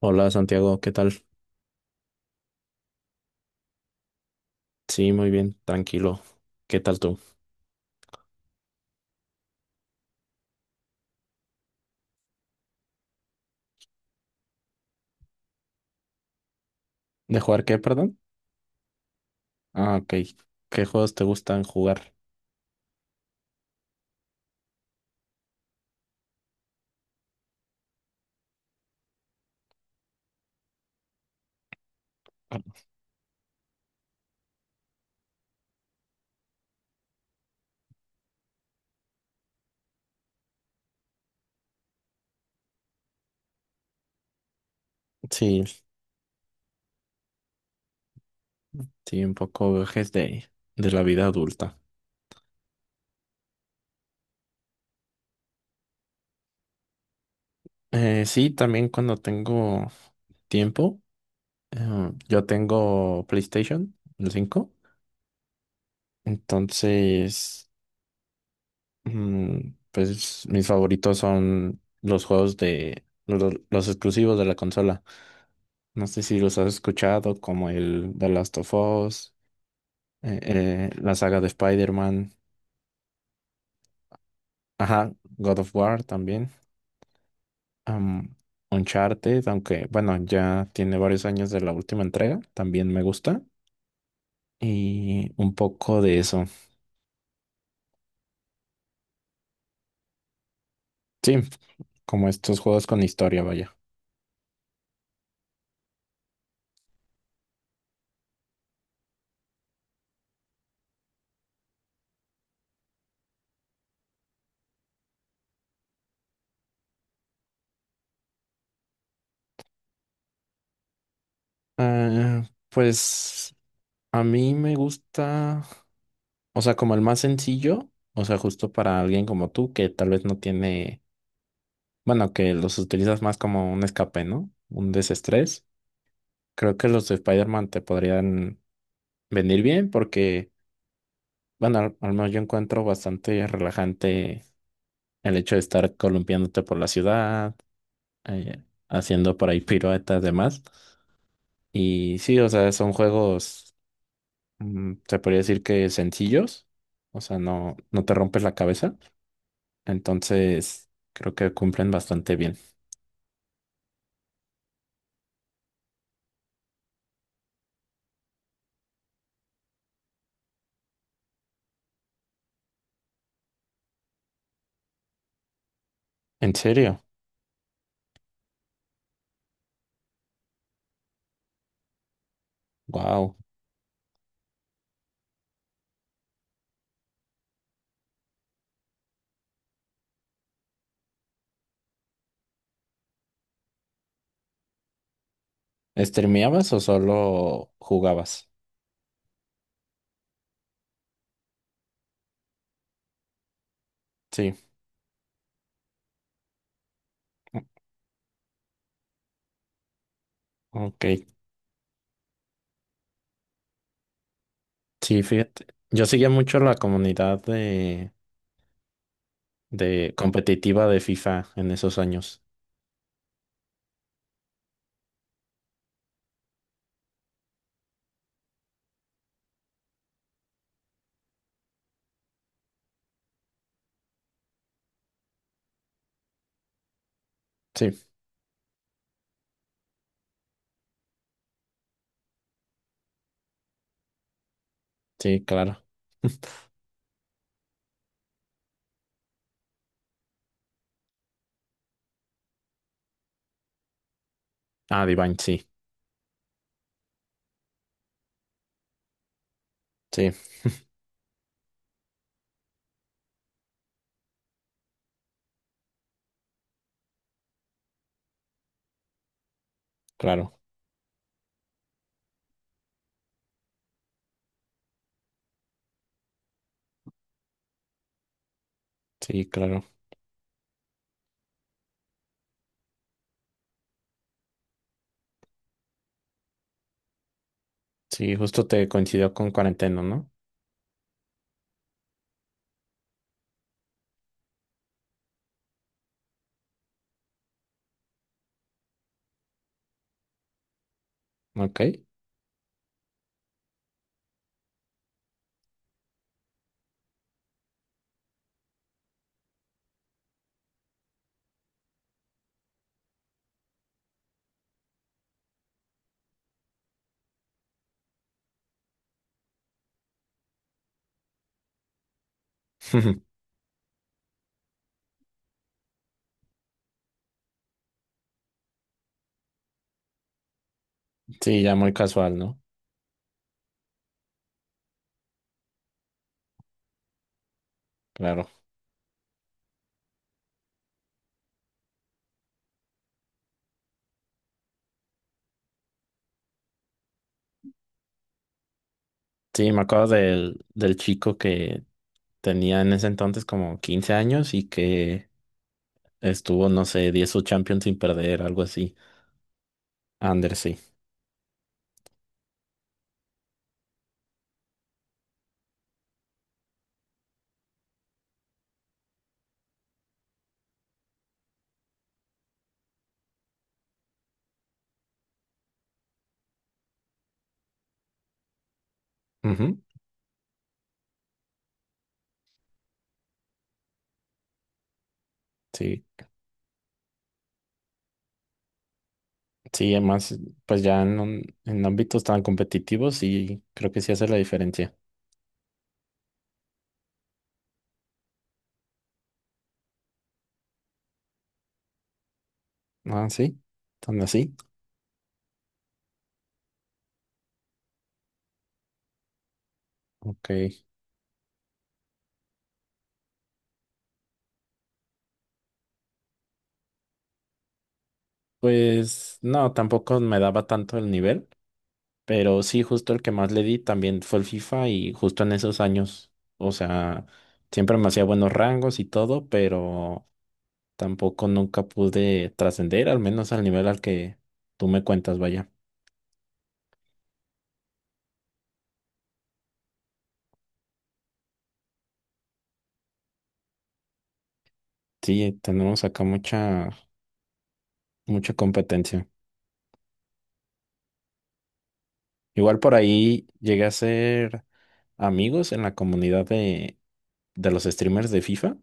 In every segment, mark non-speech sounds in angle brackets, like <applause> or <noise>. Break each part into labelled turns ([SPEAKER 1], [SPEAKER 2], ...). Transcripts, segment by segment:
[SPEAKER 1] Hola Santiago, ¿qué tal? Sí, muy bien, tranquilo. ¿Qué tal tú? ¿De jugar qué, perdón? Ah, ok. ¿Qué juegos te gustan jugar? Sí, sí, un poco viajes de la vida adulta. Sí, también cuando tengo tiempo, yo tengo PlayStation, el 5. Entonces, pues mis favoritos son los juegos de los, exclusivos de la consola. No sé si los has escuchado, como el The Last of Us, la saga de Spider-Man, ajá, God of War también, am, Uncharted, aunque bueno, ya tiene varios años de la última entrega, también me gusta. Y un poco de eso. Sí, como estos juegos con historia, vaya. Ah, pues a mí me gusta. O sea, como el más sencillo, o sea, justo para alguien como tú que tal vez no tiene, bueno, que los utilizas más como un escape, ¿no? Un desestrés. Creo que los de Spider-Man te podrían venir bien porque, bueno, al menos yo encuentro bastante relajante el hecho de estar columpiándote por la ciudad, eh, haciendo por ahí <laughs> piruetas, demás. Y sí, o sea, son juegos, se podría decir que sencillos, o sea, no, no te rompes la cabeza. Entonces, creo que cumplen bastante bien. ¿En serio? Wow. ¿Streameabas o solo jugabas? Sí, ok. Sí, fíjate. Yo seguía mucho la comunidad de competitiva de FIFA en esos años. Sí, sí, claro. <laughs> Ah, Divine, sí. Sí, claro. Sí, claro. Sí, justo te coincidió con cuarentena, ¿no? Ok. <laughs> Sí, ya muy casual, ¿no? Claro. Sí, me acuerdo del chico que tenía en ese entonces como 15 años y que estuvo, no sé, 10 o Champions sin perder, algo así. Under, sí. Ujú. Sí, sí, además, pues ya en ámbitos tan competitivos, sí, creo que sí hace la diferencia. Ah, sí, tan así. Ok. Pues no, tampoco me daba tanto el nivel, pero sí, justo el que más le di también fue el FIFA y justo en esos años, o sea, siempre me hacía buenos rangos y todo, pero tampoco nunca pude trascender, al menos al nivel al que tú me cuentas, vaya. Sí, tenemos acá mucha, mucha competencia. Igual por ahí llegué a ser amigos en la comunidad de los streamers de FIFA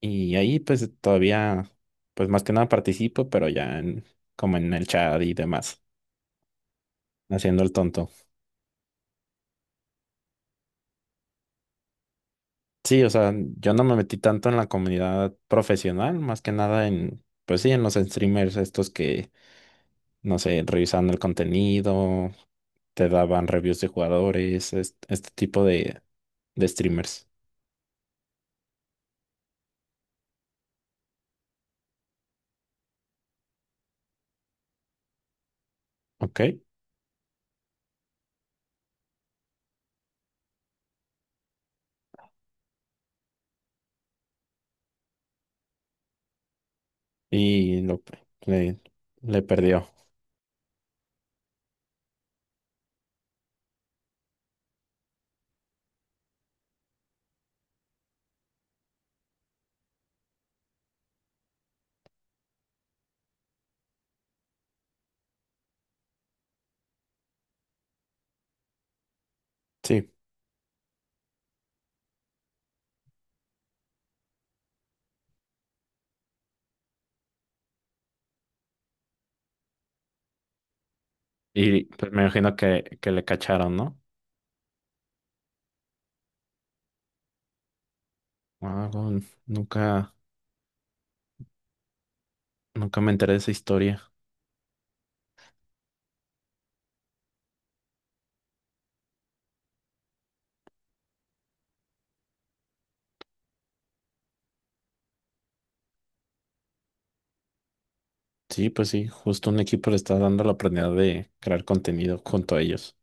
[SPEAKER 1] y ahí pues todavía, pues más que nada participo, como en el chat y demás, haciendo el tonto. Sí, o sea, yo no me metí tanto en la comunidad profesional, más que nada en, pues sí, en los streamers estos que no sé, revisando el contenido, te daban reviews de jugadores, este, tipo de streamers, ¿ok? Y lo, le, le perdió, sí. Y pues me imagino que le cacharon, ¿no? Ah, bueno, nunca me enteré de esa historia. Sí, pues sí, justo un equipo le está dando la oportunidad de crear contenido junto a ellos.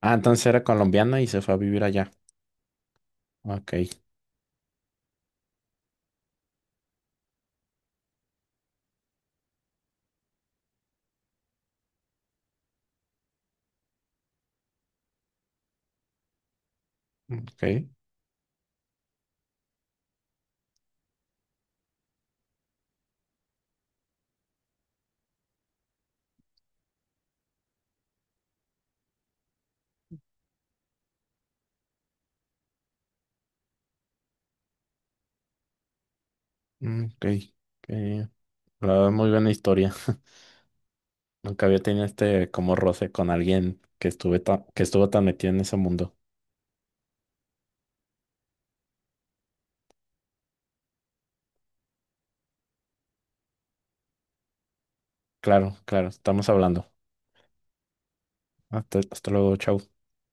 [SPEAKER 1] Ah, entonces era colombiana y se fue a vivir allá. Ok, ok, ok. Ok. Eh, la verdad, muy buena historia. Nunca había tenido este como roce con alguien que estuvo tan metido en ese mundo. Claro, claro, estamos hablando. Hasta, hasta luego, chau.